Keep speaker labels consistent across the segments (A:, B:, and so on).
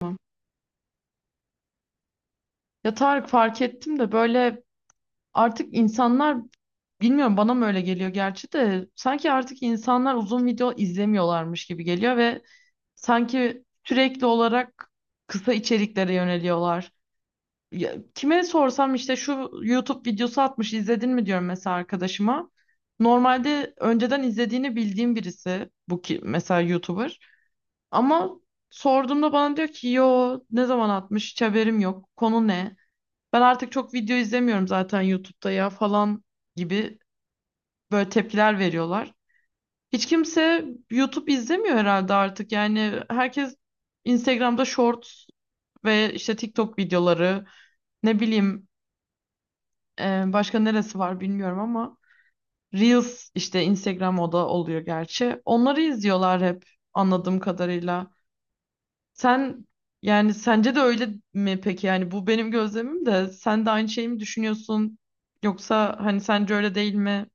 A: Tamam. Ya Tarık, fark ettim de böyle artık insanlar, bilmiyorum bana mı öyle geliyor gerçi de, sanki artık insanlar uzun video izlemiyorlarmış gibi geliyor ve sanki sürekli olarak kısa içeriklere yöneliyorlar. Ya, kime sorsam işte şu YouTube videosu atmış izledin mi diyorum mesela arkadaşıma. Normalde önceden izlediğini bildiğim birisi bu, ki mesela YouTuber ama sorduğumda bana diyor ki yo, ne zaman atmış, hiç haberim yok, konu ne? Ben artık çok video izlemiyorum zaten YouTube'da ya falan gibi böyle tepkiler veriyorlar. Hiç kimse YouTube izlemiyor herhalde artık. Yani herkes Instagram'da Shorts ve işte TikTok videoları, ne bileyim, e, başka neresi var bilmiyorum ama Reels işte Instagram, o da oluyor gerçi. Onları izliyorlar hep, anladığım kadarıyla. Sen, yani sence de öyle mi peki? Yani bu benim gözlemim, de sen de aynı şeyi mi düşünüyorsun? Yoksa hani sence öyle değil mi?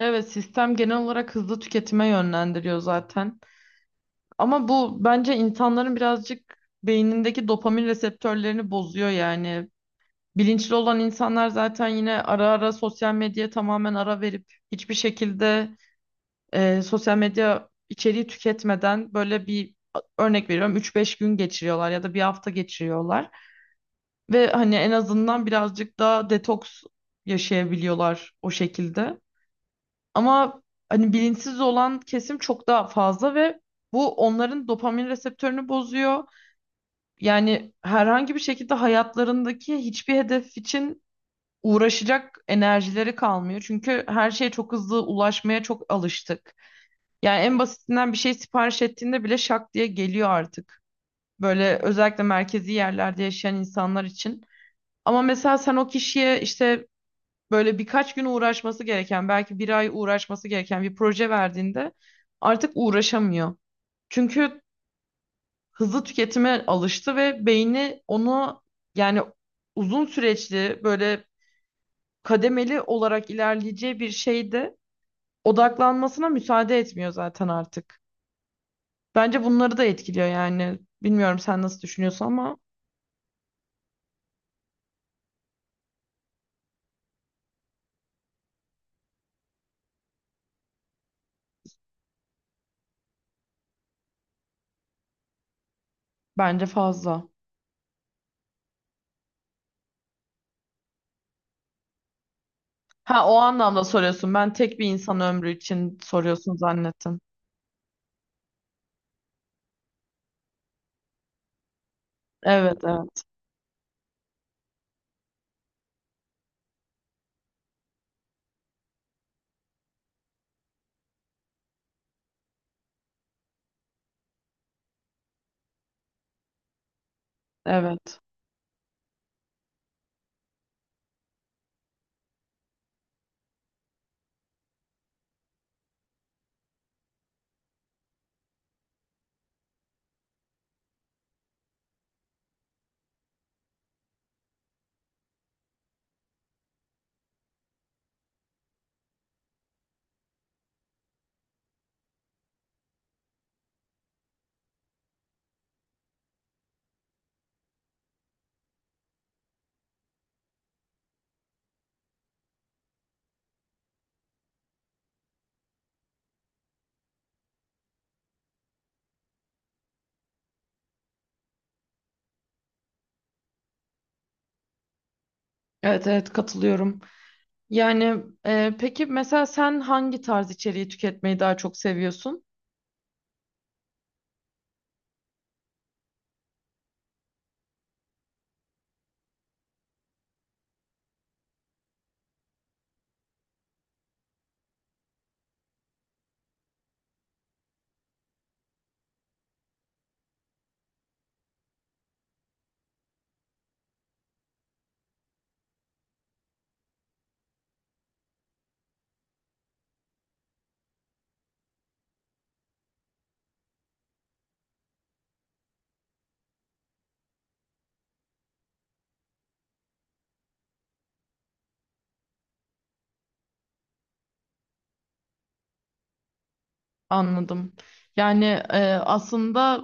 A: Evet, sistem genel olarak hızlı tüketime yönlendiriyor zaten. Ama bu bence insanların birazcık beynindeki dopamin reseptörlerini bozuyor yani. Bilinçli olan insanlar zaten yine ara ara sosyal medyaya tamamen ara verip hiçbir şekilde sosyal medya içeriği tüketmeden böyle bir, örnek veriyorum, üç beş gün geçiriyorlar ya da bir hafta geçiriyorlar ve hani en azından birazcık daha detoks yaşayabiliyorlar o şekilde. Ama hani bilinçsiz olan kesim çok daha fazla ve bu onların dopamin reseptörünü bozuyor. Yani herhangi bir şekilde hayatlarındaki hiçbir hedef için uğraşacak enerjileri kalmıyor. Çünkü her şeye çok hızlı ulaşmaya çok alıştık. Yani en basitinden bir şey sipariş ettiğinde bile şak diye geliyor artık. Böyle özellikle merkezi yerlerde yaşayan insanlar için. Ama mesela sen o kişiye işte böyle birkaç gün uğraşması gereken, belki bir ay uğraşması gereken bir proje verdiğinde artık uğraşamıyor. Çünkü hızlı tüketime alıştı ve beyni onu, yani uzun süreçli böyle kademeli olarak ilerleyeceği bir şeyde odaklanmasına müsaade etmiyor zaten artık. Bence bunları da etkiliyor yani. Bilmiyorum sen nasıl düşünüyorsun ama bence fazla. Ha, o anlamda soruyorsun. Ben tek bir insan ömrü için soruyorsun zannettim. Evet, evet, evet. Evet, evet, katılıyorum. Yani peki mesela sen hangi tarz içeriği tüketmeyi daha çok seviyorsun? Anladım. Yani, aslında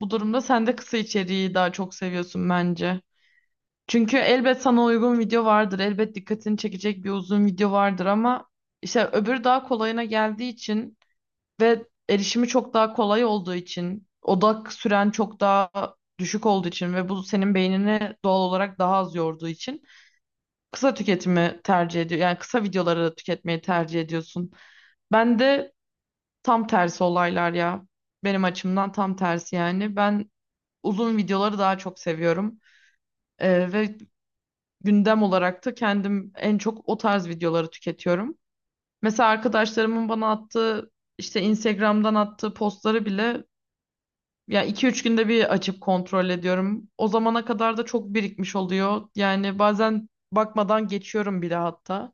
A: bu durumda sen de kısa içeriği daha çok seviyorsun bence. Çünkü elbet sana uygun video vardır. Elbet dikkatini çekecek bir uzun video vardır ama işte öbürü daha kolayına geldiği için ve erişimi çok daha kolay olduğu için, odak süren çok daha düşük olduğu için ve bu senin beynini doğal olarak daha az yorduğu için kısa tüketimi tercih ediyor. Yani kısa videoları tüketmeyi tercih ediyorsun. Ben de tam tersi olaylar ya. Benim açımdan tam tersi yani. Ben uzun videoları daha çok seviyorum. Ve gündem olarak da kendim en çok o tarz videoları tüketiyorum. Mesela arkadaşlarımın bana attığı, işte Instagram'dan attığı postları bile ya iki üç günde bir açıp kontrol ediyorum. O zamana kadar da çok birikmiş oluyor. Yani bazen bakmadan geçiyorum bile hatta.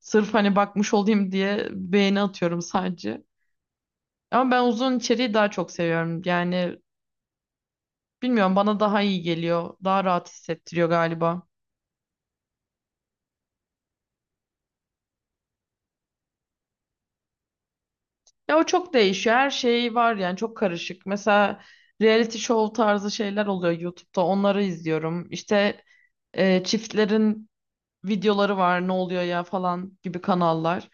A: Sırf hani bakmış olayım diye beğeni atıyorum sadece. Ama ben uzun içeriği daha çok seviyorum. Yani bilmiyorum, bana daha iyi geliyor. Daha rahat hissettiriyor galiba. Ya o çok değişiyor. Her şey var yani, çok karışık. Mesela reality show tarzı şeyler oluyor YouTube'da. Onları izliyorum. İşte çiftlerin videoları var. Ne oluyor ya falan gibi kanallar.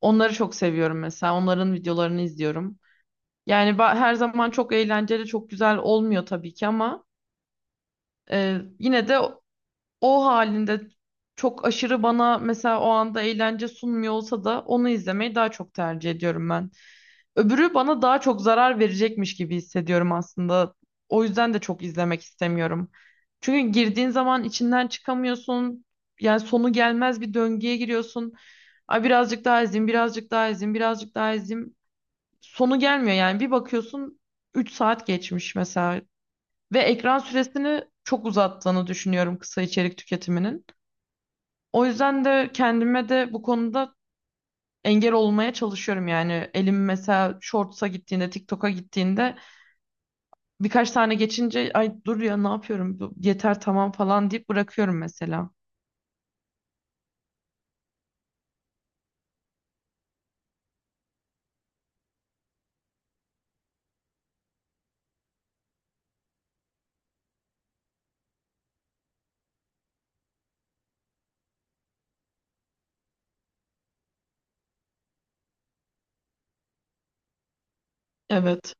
A: Onları çok seviyorum mesela. Onların videolarını izliyorum. Yani her zaman çok eğlenceli, çok güzel olmuyor tabii ki ama yine de o halinde çok aşırı, bana mesela o anda eğlence sunmuyor olsa da onu izlemeyi daha çok tercih ediyorum ben. Öbürü bana daha çok zarar verecekmiş gibi hissediyorum aslında. O yüzden de çok izlemek istemiyorum. Çünkü girdiğin zaman içinden çıkamıyorsun. Yani sonu gelmez bir döngüye giriyorsun. Ay, birazcık daha izleyeyim, birazcık daha izleyeyim, birazcık daha izleyeyim. Sonu gelmiyor yani. Bir bakıyorsun 3 saat geçmiş mesela. Ve ekran süresini çok uzattığını düşünüyorum kısa içerik tüketiminin. O yüzden de kendime de bu konuda engel olmaya çalışıyorum yani. Elim mesela Shorts'a gittiğinde, TikTok'a gittiğinde birkaç tane geçince ay dur ya, ne yapıyorum? Yeter, tamam falan deyip bırakıyorum mesela. Evet.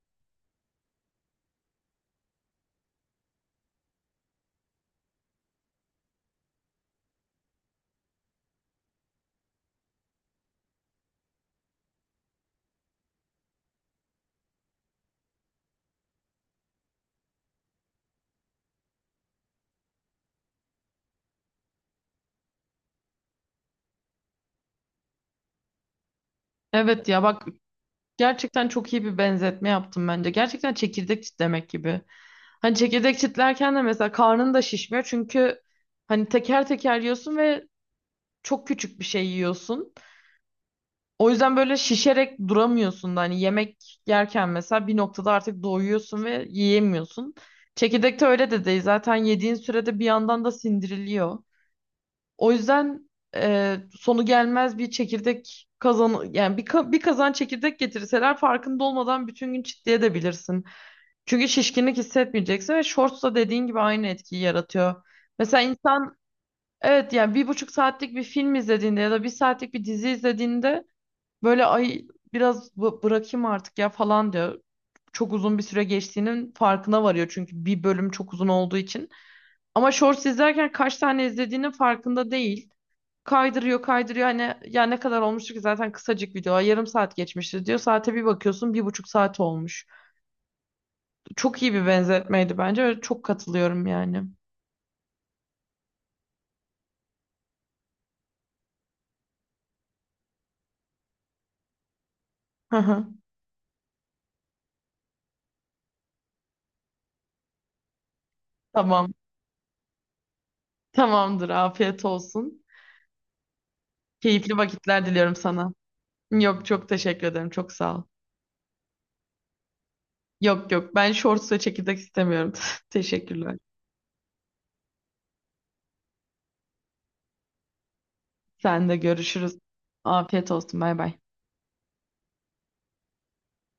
A: Evet ya bak, gerçekten çok iyi bir benzetme yaptım bence. Gerçekten çekirdek çitlemek gibi. Hani çekirdek çitlerken de mesela karnın da şişmiyor çünkü hani teker teker yiyorsun ve çok küçük bir şey yiyorsun. O yüzden böyle şişerek duramıyorsun da, hani yemek yerken mesela bir noktada artık doyuyorsun ve yiyemiyorsun. Çekirdekte öyle de değil. Zaten yediğin sürede bir yandan da sindiriliyor. O yüzden sonu gelmez bir çekirdek kazan, yani bir kazan çekirdek getirseler farkında olmadan bütün gün çitli. Çünkü şişkinlik hissetmeyeceksin ve Shorts da dediğin gibi aynı etkiyi yaratıyor. Mesela insan, evet yani 1,5 saatlik bir film izlediğinde ya da bir saatlik bir dizi izlediğinde böyle, ay biraz bırakayım artık ya falan diyor. Çok uzun bir süre geçtiğinin farkına varıyor çünkü bir bölüm çok uzun olduğu için. Ama Shorts izlerken kaç tane izlediğinin farkında değil. Kaydırıyor kaydırıyor, hani ya ne kadar olmuştu ki zaten kısacık video, yarım saat geçmişti diyor. Saate bir bakıyorsun 1,5 saat olmuş. Çok iyi bir benzetmeydi bence ve çok katılıyorum yani. Hı hı. Tamam, tamamdır, afiyet olsun. Keyifli vakitler diliyorum sana. Yok çok teşekkür ederim, çok sağ ol. Yok yok, ben Shorts ve çekirdek istemiyorum. Teşekkürler. Sen de görüşürüz. Afiyet olsun, bay bay.